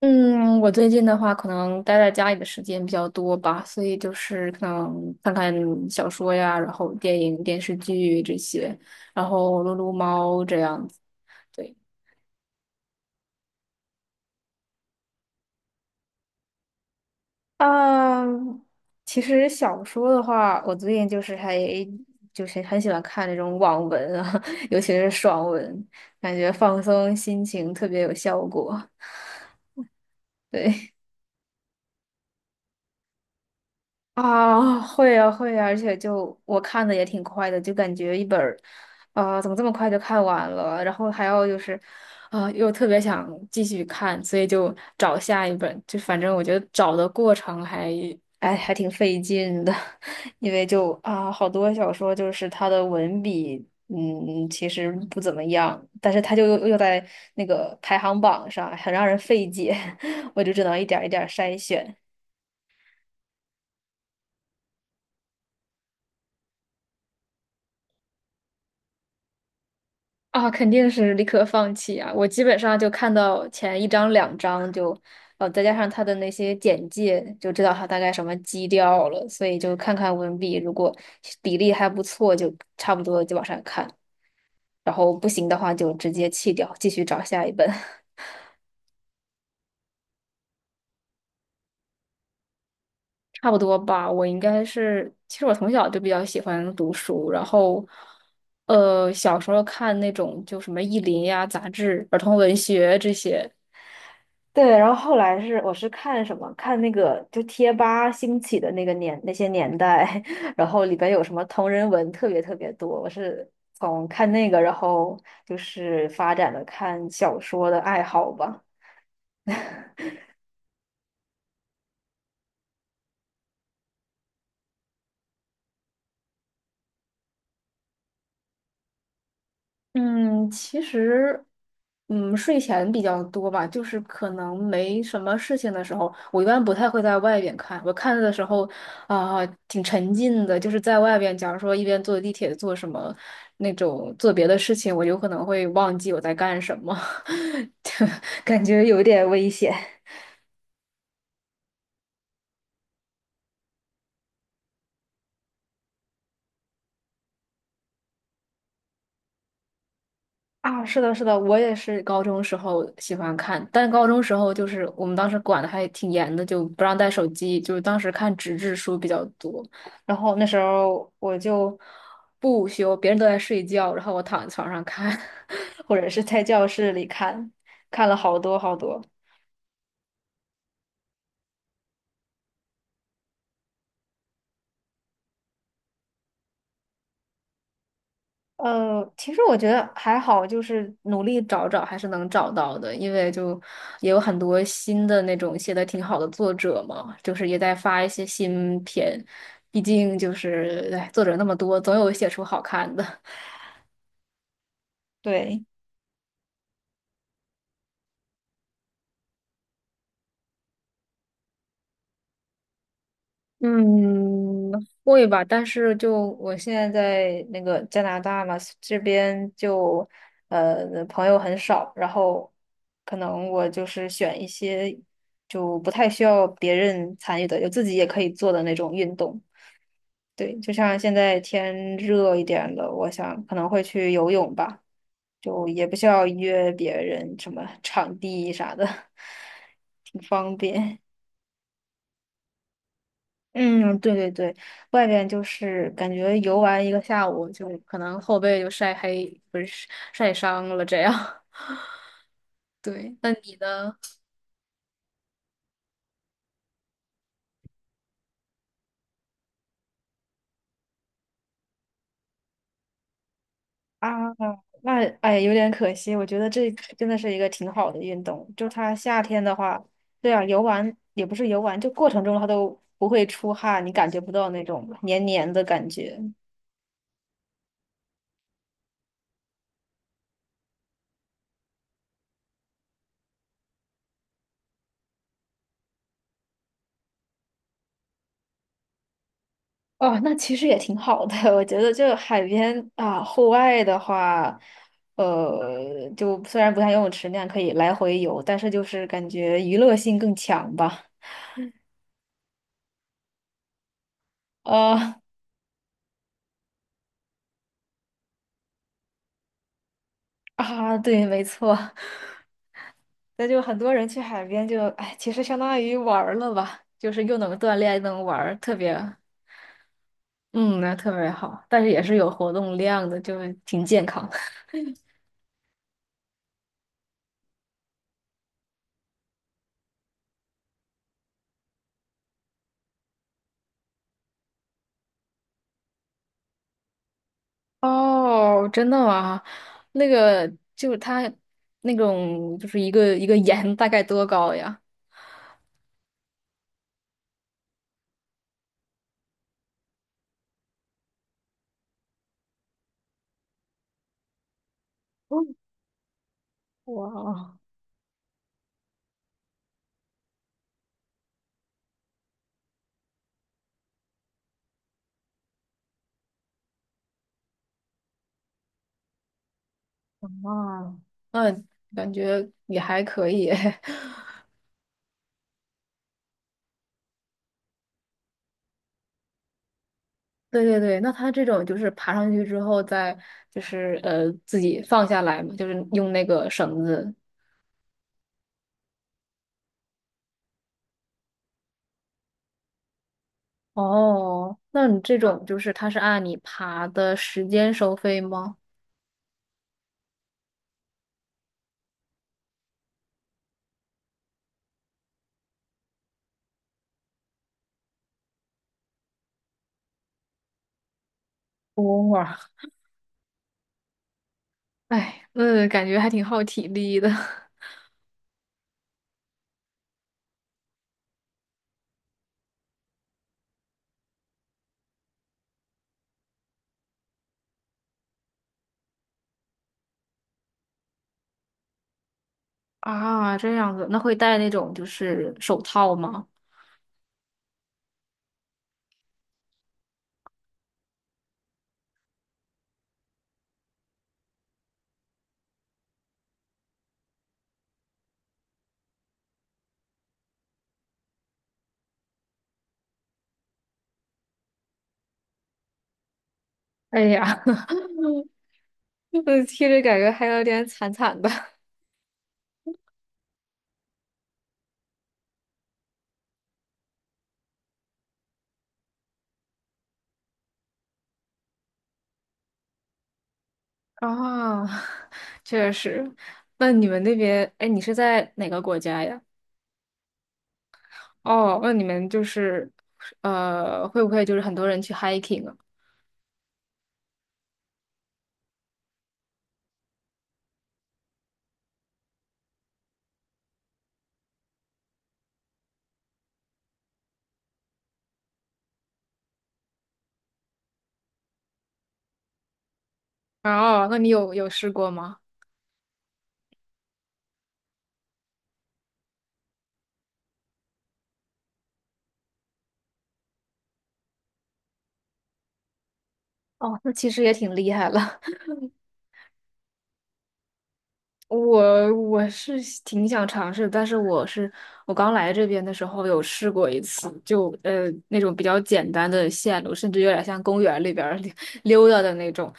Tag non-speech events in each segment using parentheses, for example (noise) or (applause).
嗯，我最近的话，可能待在家里的时间比较多吧，所以就是可能看看小说呀，然后电影、电视剧这些，然后撸撸猫这样子。对。嗯，其实小说的话，我最近就是还就是很喜欢看那种网文啊，(laughs) 尤其是爽文，感觉放松心情特别有效果。对，啊，会啊会啊，而且就我看的也挺快的，就感觉一本儿，啊、怎么这么快就看完了？然后还要就是，啊、又特别想继续看，所以就找下一本。就反正我觉得找的过程还，哎，还挺费劲的，(laughs) 因为就啊、好多小说就是它的文笔，嗯，其实不怎么样，但是它就又在那个排行榜上，很让人费解，(laughs) 我就只能一点儿一点儿筛选。啊，肯定是立刻放弃啊！我基本上就看到前一章、两章就，再加上他的那些简介，就知道他大概什么基调了，所以就看看文笔，如果比例还不错，就差不多就往上看，然后不行的话就直接弃掉，继续找下一本。(laughs) 差不多吧。我应该是，其实我从小就比较喜欢读书，然后，小时候看那种就什么《意林》呀、杂志、儿童文学这些。对，然后后来我是看什么？看那个就贴吧兴起的那个年那些年代，(laughs) 然后里边有什么同人文特别特别多。我是从看那个，然后就是发展了看小说的爱好吧。嗯，其实，嗯，睡前比较多吧，就是可能没什么事情的时候，我一般不太会在外边看。我看的时候，啊、挺沉浸的，就是在外边，假如说一边坐地铁做什么那种做别的事情，我有可能会忘记我在干什么，(laughs) 感觉有点危险。啊，是的，是的，我也是高中时候喜欢看，但高中时候就是我们当时管的还挺严的，就不让带手机，就是当时看纸质书比较多。然后那时候我就不午休，别人都在睡觉，然后我躺在床上看，(laughs) 或者是在教室里看，看了好多好多。其实我觉得还好，就是努力找找还是能找到的，因为就也有很多新的那种写的挺好的作者嘛，就是也在发一些新片，毕竟就是，哎，作者那么多，总有写出好看的。(laughs) 对。嗯，会吧，但是就我现在在那个加拿大嘛，这边就朋友很少，然后可能我就是选一些就不太需要别人参与的，就自己也可以做的那种运动。对，就像现在天热一点了，我想可能会去游泳吧，就也不需要约别人什么场地啥的，(laughs) 挺方便。嗯，对对对，外边就是感觉游玩一个下午，就可能后背就晒黑，不是晒伤了这样。(laughs) 对，那你呢？啊，那哎，有点可惜。我觉得这真的是一个挺好的运动。就它夏天的话，对啊，游玩也不是游玩，就过程中它都不会出汗，你感觉不到那种黏黏的感觉。哦，那其实也挺好的。(laughs) 我觉得就海边啊，户外的话，就虽然不像游泳池那样可以来回游，但是就是感觉娱乐性更强吧。呃对，没错。(laughs) 那就很多人去海边就，哎，其实相当于玩儿了吧，就是又能锻炼，又能玩儿特别，嗯，那特别好。但是也是有活动量的，就挺健康。哦，真的吗？那个就是它那种就是一个一个盐大概多高呀？嗯，哇，哇，那嗯，感觉也还可以。(laughs) 对对对，那它这种就是爬上去之后再就是自己放下来嘛，就是用那个绳子。哦，那你这种就是它是按你爬的时间收费吗？哇，哎，那感觉还挺耗体力的。(laughs) 啊，这样子，那会戴那种就是手套吗？哎呀，(laughs) 嗯，听着感觉还有点惨惨的。(laughs) 啊，确实。那你们那边，哎，你是在哪个国家呀？哦，那你们就是，会不会就是很多人去 hiking 啊？哦，那你有有试过吗？哦，那其实也挺厉害了。我是挺想尝试，但是我刚来这边的时候有试过一次，就那种比较简单的线路，甚至有点像公园里边儿溜 (laughs) 溜达的那种，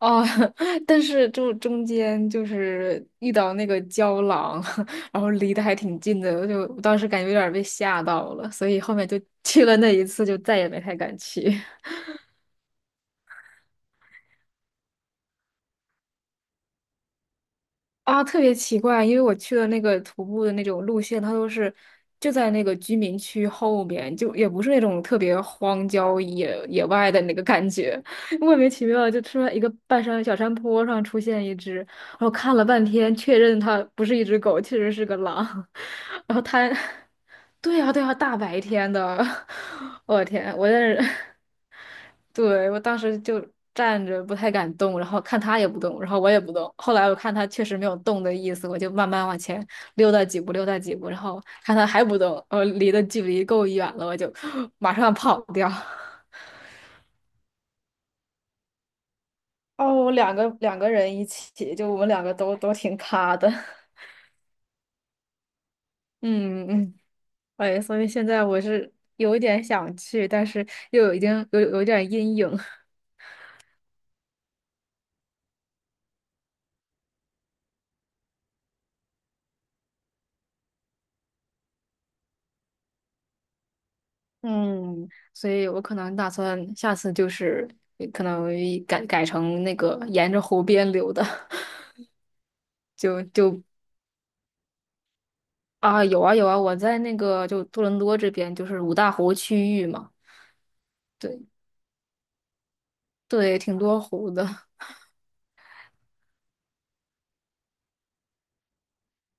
哦，(laughs) 但是就中间就是遇到那个郊狼，(laughs) 然后离得还挺近的，就我当时感觉有点儿被吓到了，所以后面就去了那一次，就再也没太敢去。啊，特别奇怪，因为我去的那个徒步的那种路线，它都是就在那个居民区后面，就也不是那种特别荒郊野外的那个感觉，(laughs) 莫名其妙地就突然一个半山小山坡上出现一只，然后看了半天，确认它不是一只狗，确实是个狼，(laughs) 然后它，(laughs) 对呀对呀，大白天的，(laughs) 我天，我在那儿对，我当时就站着不太敢动，然后看他也不动，然后我也不动。后来我看他确实没有动的意思，我就慢慢往前溜达几步，溜达几步，然后看他还不动，我离的距离够远了，我就 (gasps) 马上跑掉。(laughs) 哦，我两个人一起，就我们两个都挺卡的。(laughs) 嗯嗯，哎，所以现在我是有一点想去，但是已经有一点阴影。嗯，所以我可能打算下次就是可能改成那个沿着湖边流的，(laughs) 就就啊有啊有啊，我在那个就多伦多这边就是五大湖区域嘛，对对，挺多湖的，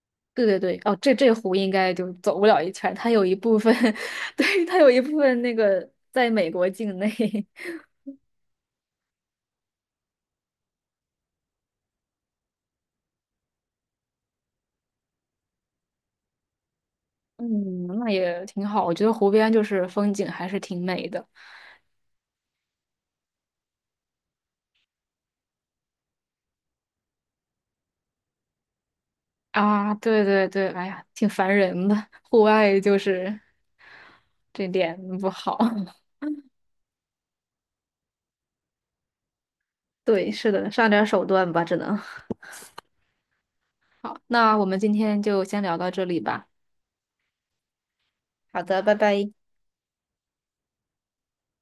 (laughs) 对对对，哦，这湖应该就走不了一圈，它有一部分，(laughs) 对它有一部分那个在美国境内，(laughs) 嗯，那也挺好，我觉得湖边就是风景还是挺美的。啊，对对对，哎呀，挺烦人的。户外就是这点不好。(laughs) 对，是的，上点手段吧，只能。好，那我们今天就先聊到这里吧。好的，拜拜。